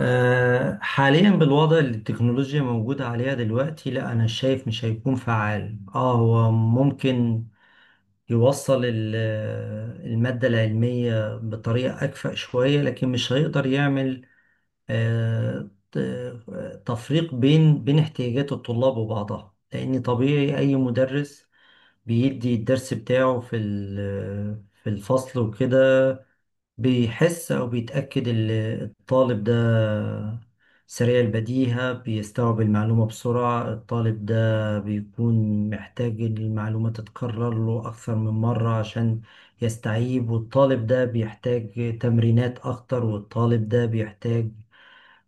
حاليا بالوضع اللي التكنولوجيا موجودة عليها دلوقتي، لا أنا شايف مش هيكون فعال. اه هو ممكن يوصل المادة العلمية بطريقة أكفأ شوية، لكن مش هيقدر يعمل تفريق بين احتياجات الطلاب وبعضها، لأن طبيعي أي مدرس بيدي الدرس بتاعه في الفصل وكده بيحس أو بيتأكد الطالب ده سريع البديهة بيستوعب المعلومة بسرعة، الطالب ده بيكون محتاج المعلومة تتكرر له أكثر من مرة عشان يستوعب، والطالب ده بيحتاج تمرينات أكتر، والطالب ده بيحتاج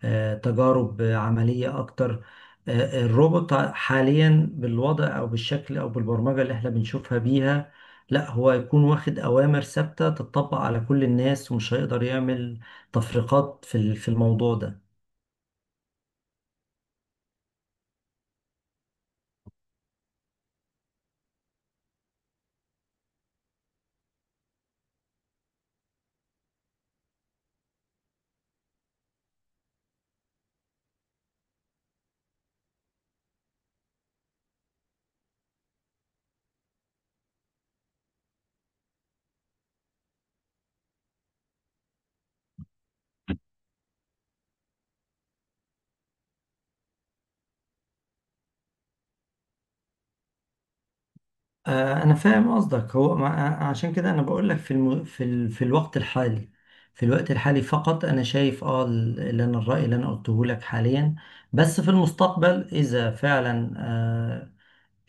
تجارب عملية أكتر. الروبوت حاليا بالوضع أو بالشكل أو بالبرمجة اللي احنا بنشوفها بيها، لا هو هيكون واخد أوامر ثابتة تطبق على كل الناس، ومش هيقدر يعمل تفرقات في الموضوع ده. أنا فاهم قصدك. هو عشان كده أنا بقول لك في الوقت الحالي فقط أنا شايف اللي أنا الرأي اللي أنا قلته لك حاليا، بس في المستقبل إذا فعلا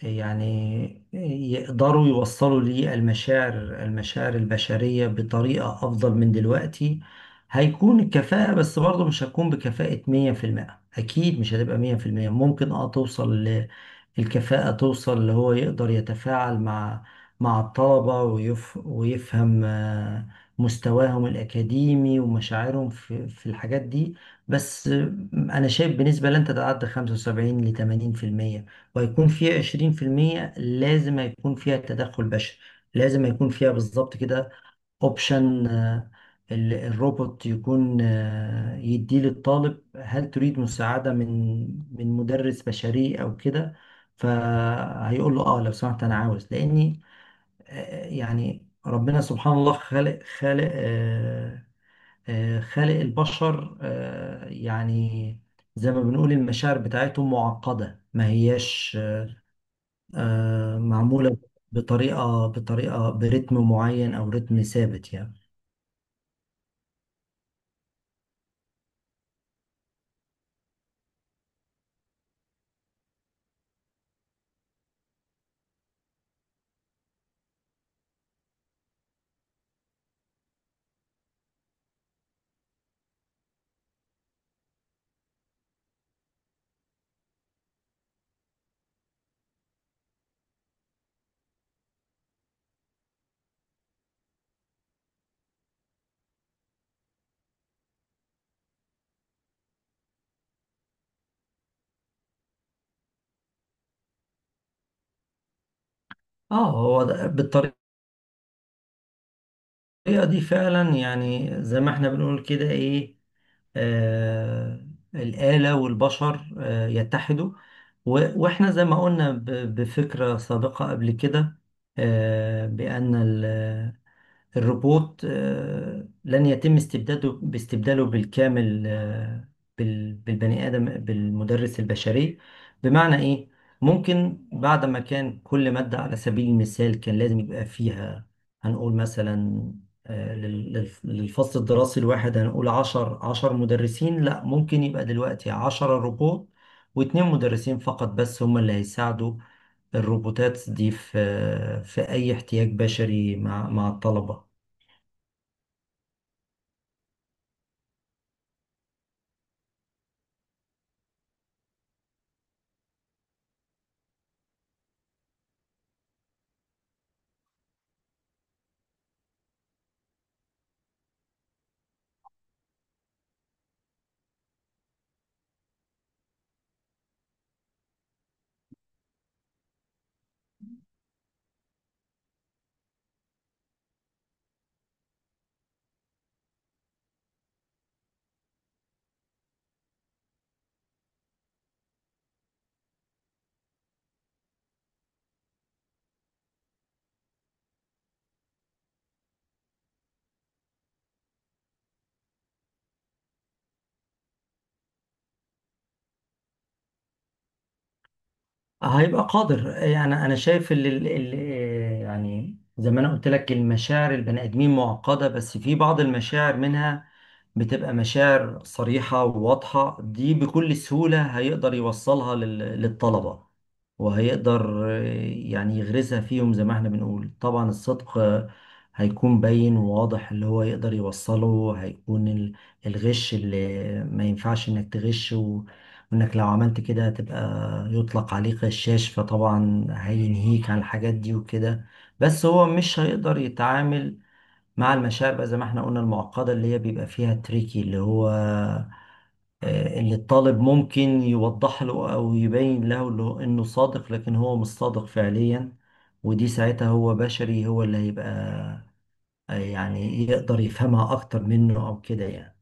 يعني يقدروا يوصلوا ليه المشاعر البشرية بطريقة أفضل من دلوقتي، هيكون الكفاءة، بس برضه مش هتكون بكفاءة مية في المية، أكيد مش هتبقى مية في المية، ممكن توصل الكفاءة، توصل اللي هو يقدر يتفاعل مع الطلبة، ويفهم مستواهم الأكاديمي ومشاعرهم في الحاجات دي. بس أنا شايف بنسبة لن تتعدى 75 ل 80%، وهيكون فيها 20% لازم هيكون فيها تدخل بشري، لازم هيكون فيها بالظبط كده اوبشن، الروبوت يكون يديه للطالب: هل تريد مساعدة من مدرس بشري او كده؟ فهيقول له لو سمحت انا عاوز، لاني يعني ربنا سبحان الله خالق البشر، يعني زي ما بنقول المشاعر بتاعتهم معقدة، ما هياش معمولة بطريقة برتم معين أو رتم ثابت يعني. اه هو بالطريقة دي فعلا، يعني زي ما احنا بنقول كده ايه، آه الآلة والبشر يتحدوا. واحنا زي ما قلنا بفكرة سابقة قبل كده، بأن الروبوت لن يتم باستبداله بالكامل بالبني آدم بالمدرس البشري. بمعنى إيه؟ ممكن بعد ما كان كل مادة على سبيل المثال كان لازم يبقى فيها، هنقول مثلا للفصل الدراسي الواحد، هنقول عشر مدرسين، لا ممكن يبقى دلوقتي عشرة روبوت واتنين مدرسين فقط، بس هما اللي هيساعدوا الروبوتات دي في أي احتياج بشري مع الطلبة. هيبقى قادر، يعني انا شايف ال ال ال يعني زي ما انا قلت لك المشاعر البني ادمين معقده، بس في بعض المشاعر منها بتبقى مشاعر صريحة وواضحة، دي بكل سهولة هيقدر يوصلها للطلبة، وهيقدر يعني يغرسها فيهم، زي ما احنا بنقول طبعا الصدق هيكون باين وواضح اللي هو يقدر يوصله، هيكون الغش اللي ما ينفعش انك تغش، وانك لو عملت كده هتبقى يطلق عليك غشاش، فطبعا هينهيك عن الحاجات دي وكده. بس هو مش هيقدر يتعامل مع المشاعر بقى، زي ما احنا قلنا المعقدة، اللي هي بيبقى فيها تريكي، اللي هو اللي الطالب ممكن يوضح له أو يبين له إنه صادق لكن هو مش صادق فعليا، ودي ساعتها هو بشري، هو اللي هيبقى يعني يقدر يفهمها أكتر منه، أو كده يعني.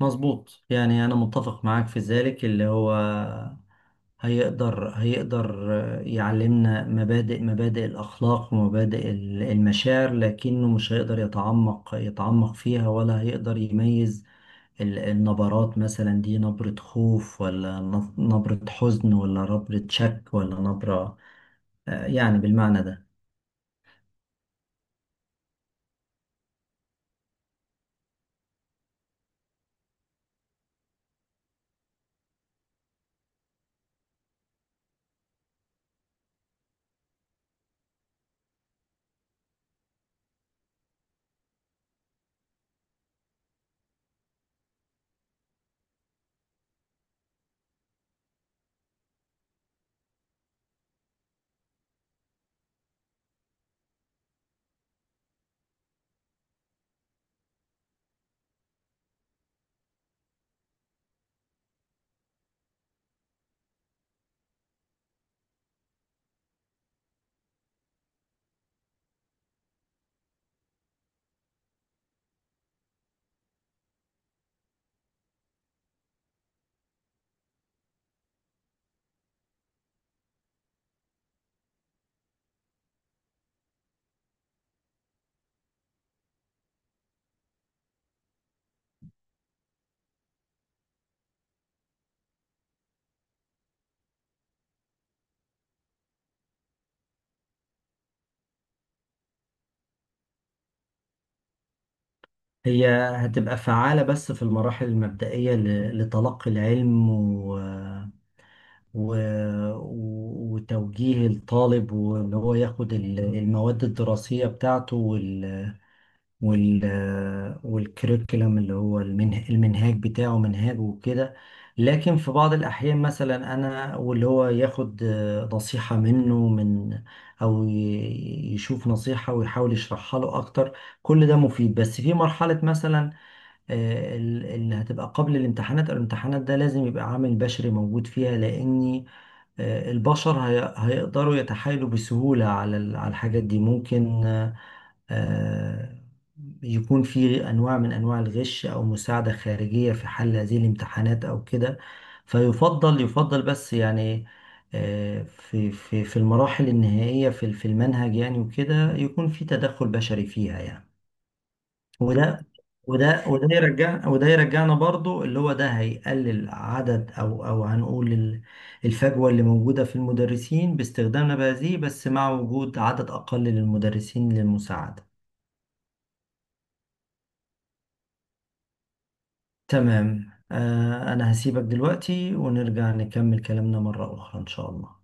مظبوط، يعني أنا متفق معاك في ذلك، اللي هو هيقدر يعلمنا مبادئ الأخلاق، ومبادئ المشاعر، لكنه مش هيقدر يتعمق فيها، ولا هيقدر يميز النبرات، مثلا دي نبرة خوف ولا نبرة حزن ولا نبرة شك ولا نبرة، يعني بالمعنى ده. هي هتبقى فعالة بس في المراحل المبدئية لتلقي العلم و... و- وتوجيه الطالب، وان هو ياخد المواد الدراسية بتاعته، وال والكريكولم اللي هو المنهاج بتاعه منهاجه وكده. لكن في بعض الأحيان مثلا أنا، واللي هو ياخد نصيحة منه أو يشوف نصيحة ويحاول يشرحها له أكتر، كل ده مفيد. بس في مرحلة مثلا اللي هتبقى قبل الامتحانات، الامتحانات ده لازم يبقى عامل بشري موجود فيها، لأني البشر هيقدروا يتحايلوا بسهولة على الحاجات دي. ممكن آه، يكون في أنواع من أنواع الغش أو مساعدة خارجية في حل هذه الامتحانات أو كده. يفضل بس يعني في المراحل النهائية في المنهج يعني وكده، يكون في تدخل بشري فيها يعني. وده وده يرجعنا برضو اللي هو ده هيقلل عدد، او هنقول الفجوة اللي موجودة في المدرسين باستخدامنا بهذه، بس مع وجود عدد اقل للمدرسين للمساعدة. تمام. انا هسيبك دلوقتي ونرجع نكمل كلامنا مرة اخرى ان شاء الله.